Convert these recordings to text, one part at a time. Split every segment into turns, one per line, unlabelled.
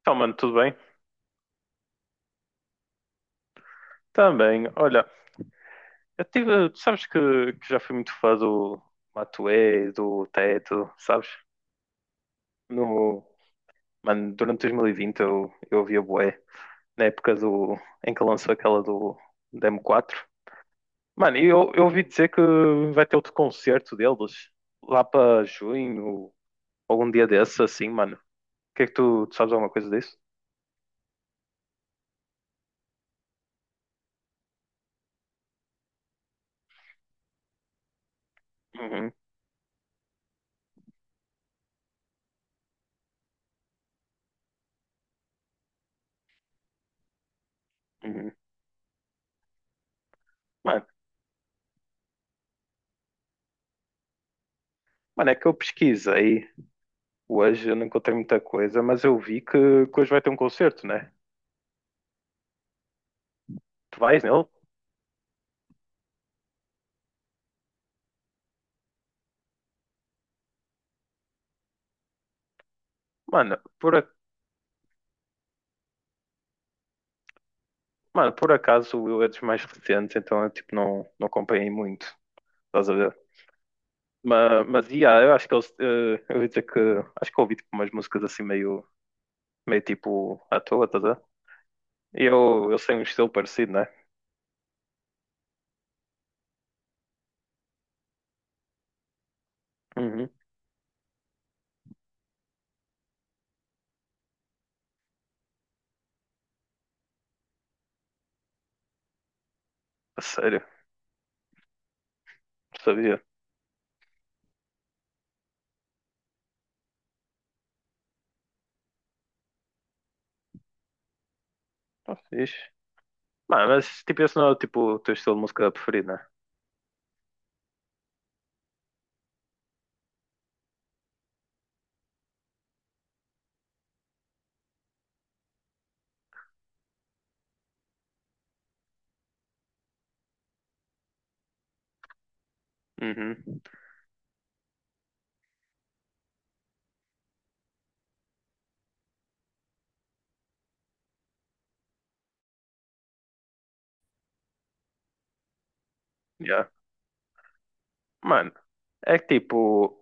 Então, mano, tudo bem? Também, olha, eu tive, tu sabes que já fui muito fã do Matuê, do Teto, sabes? No, mano, durante 2020 eu ouvia bué, na época do, em que lançou aquela do Demo 4. Mano, e eu ouvi dizer que vai ter outro concerto deles lá para junho, algum dia desses, assim, mano. O que é que tu sabes alguma coisa disso? Uhum, uhum. Mano, mano, é que eu pesquisei hoje. Eu não encontrei muita coisa, mas eu vi que hoje vai ter um concerto, né? Tu vais nele? Mano, mano, por acaso eu é dos mais recentes, então eu tipo, não acompanhei muito, estás a ver? Mas yeah, eu acho que eles, eu ia dizer que acho que eu ouvi tipo, umas músicas assim meio, meio tipo à toa, estás a ver? E eu sei um estilo parecido, né? Uhum. A sério, não sabia. Tá fixe. Mano, mas tipo, esse não é tipo, o teu estilo de música preferido, né? Uhum. Yeah. Mano, é que tipo.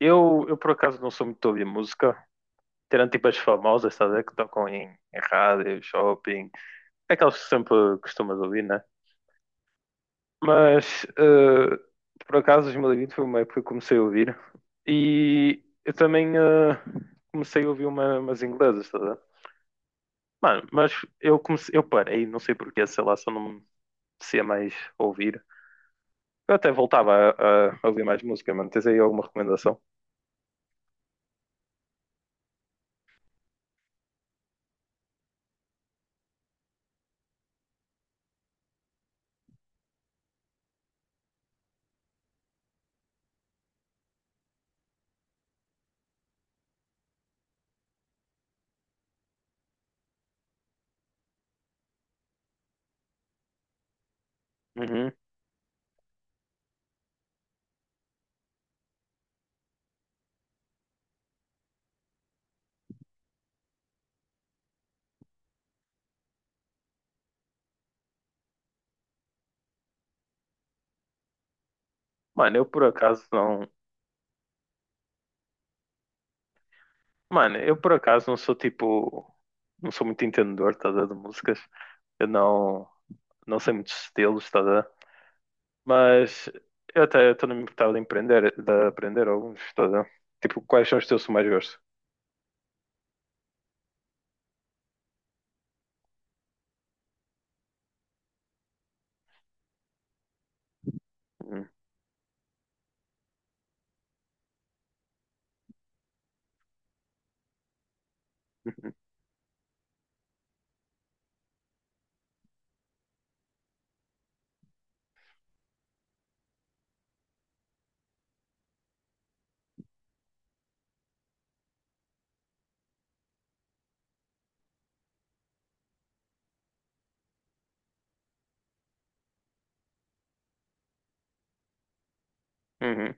Eu por acaso não sou muito de ouvir música, tirando tipo as famosas, estás a ver, que tocam em rádio, shopping, aquelas que sempre costumas ouvir, né? Mas por acaso 2020 foi uma época que eu comecei a ouvir e eu também comecei a ouvir umas inglesas, estás a ver? Mano, mas eu comecei, eu parei, não sei porquê, sei lá, só não me a mais ouvir. Eu até voltava a ouvir mais música, mano. Tens aí alguma recomendação? Uhum. Mano, eu por acaso não. Mano, eu por acaso não sou tipo. Não sou muito entendedor, tá, a ver, de músicas. Eu não, não sei muitos estilos, tá, a ver? Mas eu até estou me importava de empreender, de aprender alguns, tá, a ver? Tipo, quais são os teus que mais gosto? Uhum. Uhum.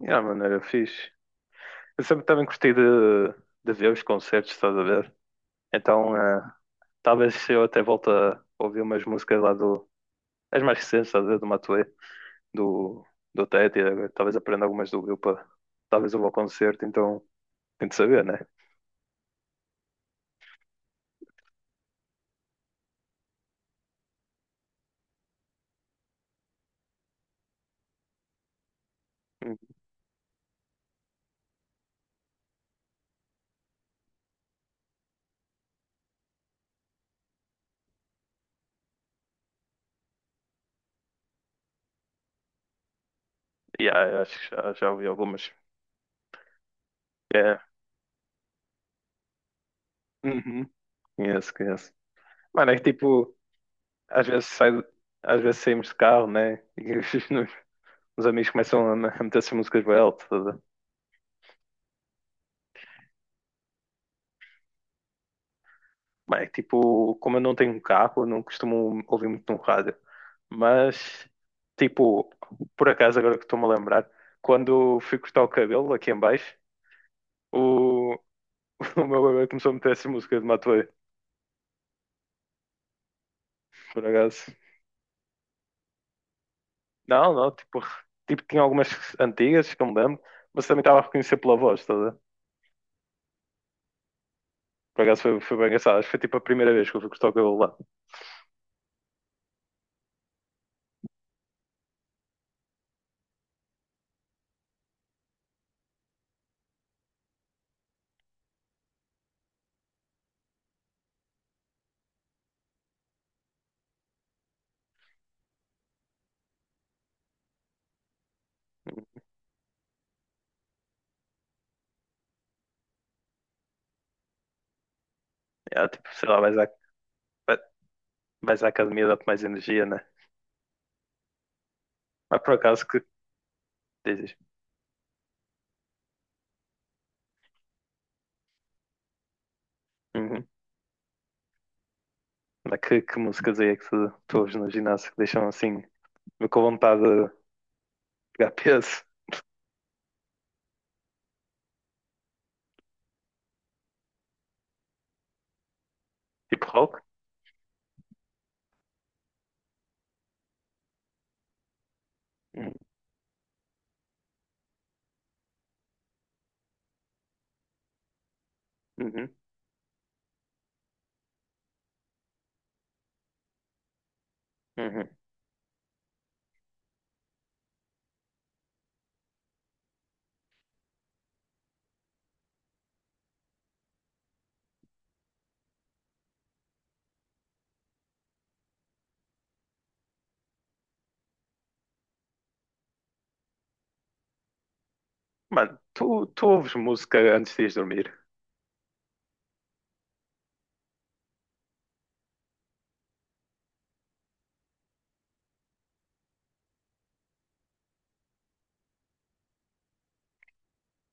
Yeah, mano, era fixe. Eu sempre também gostei de ver os concertos, estás a ver? Então, talvez eu até volte a ouvir umas músicas lá do. As mais recentes, estás a ver? Do Matuê. Do, do Tete, agora talvez aprenda algumas do Will para talvez eu vou ao concerto, então tem de saber, né? Hum, yeah, eu acho que já ouvi algumas. É. Uhum. Conheço, conheço. Mano, é que tipo, às vezes sai, às vezes saímos de carro, né? E os amigos começam a meter essas músicas bem alto. Bem, tipo, como eu não tenho um carro, eu não costumo ouvir muito no rádio. Mas, tipo, por acaso, agora que estou-me a lembrar, quando fui cortar o cabelo aqui em baixo, o, o meu bebê começou a meter essa música de Matuê, por acaso. Não, não, tipo, tipo, tinha algumas antigas que eu me lembro, mas também estava a reconhecer pela voz, toda. Por acaso foi bem engraçado. Acho que foi tipo a primeira vez que eu fui cortar o cabelo lá. É, tipo, sei lá, vai- vais à academia, dá-te mais energia, né? Mas por acaso que dizes? Uhum. Mas que músicas aí é que tu ouves no ginásio que deixam assim, com vontade de pegar peso? Tipo rock? Uhum. Uhum. Mano, tu ouves música antes de ires dormir?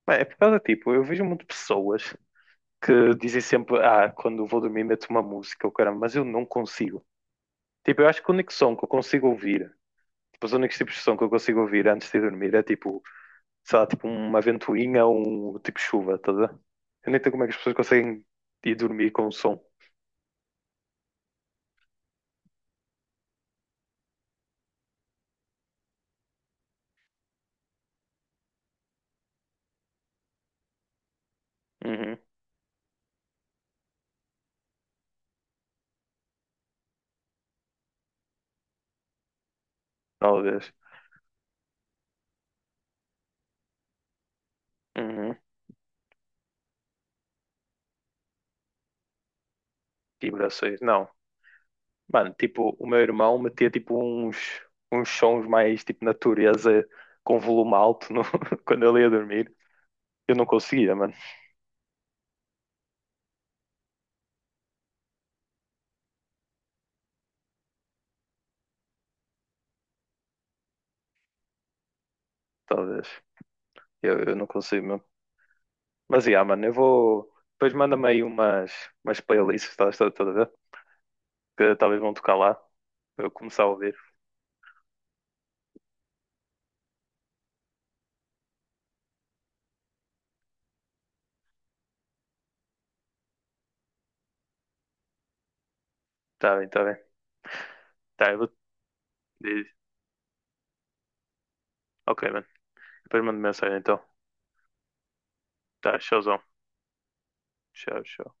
Mano, é por causa, tipo, eu vejo muito pessoas que dizem sempre, ah, quando vou dormir meto uma música, o caramba, mas eu não consigo. Tipo, eu acho que o único som que eu consigo ouvir, tipo, os únicos tipos de som que eu consigo ouvir antes de dormir é tipo, sei lá, tipo uma ventoinha ou um tipo chuva, tá a ver? Eu nem sei como é que as pessoas conseguem ir dormir com o som. Uhum. Oh, Deus. Uhum. Vibrações. Não. Mano, tipo, o meu irmão metia tipo uns sons mais tipo natureza com volume alto no- quando ele ia dormir. Eu não conseguia, mano. Talvez. Eu não consigo mesmo. Mas yeah, mano, eu vou. Depois manda-me aí umas playlists, estás tá, tá, tá, a ver? Que talvez vão tocar lá. Para eu começar a ouvir. Tá bem, tá bem. Tá, eu vou. Diz. Ok, mano. Depois mando mensagem então. Tá, showzão. Tchau, tchau.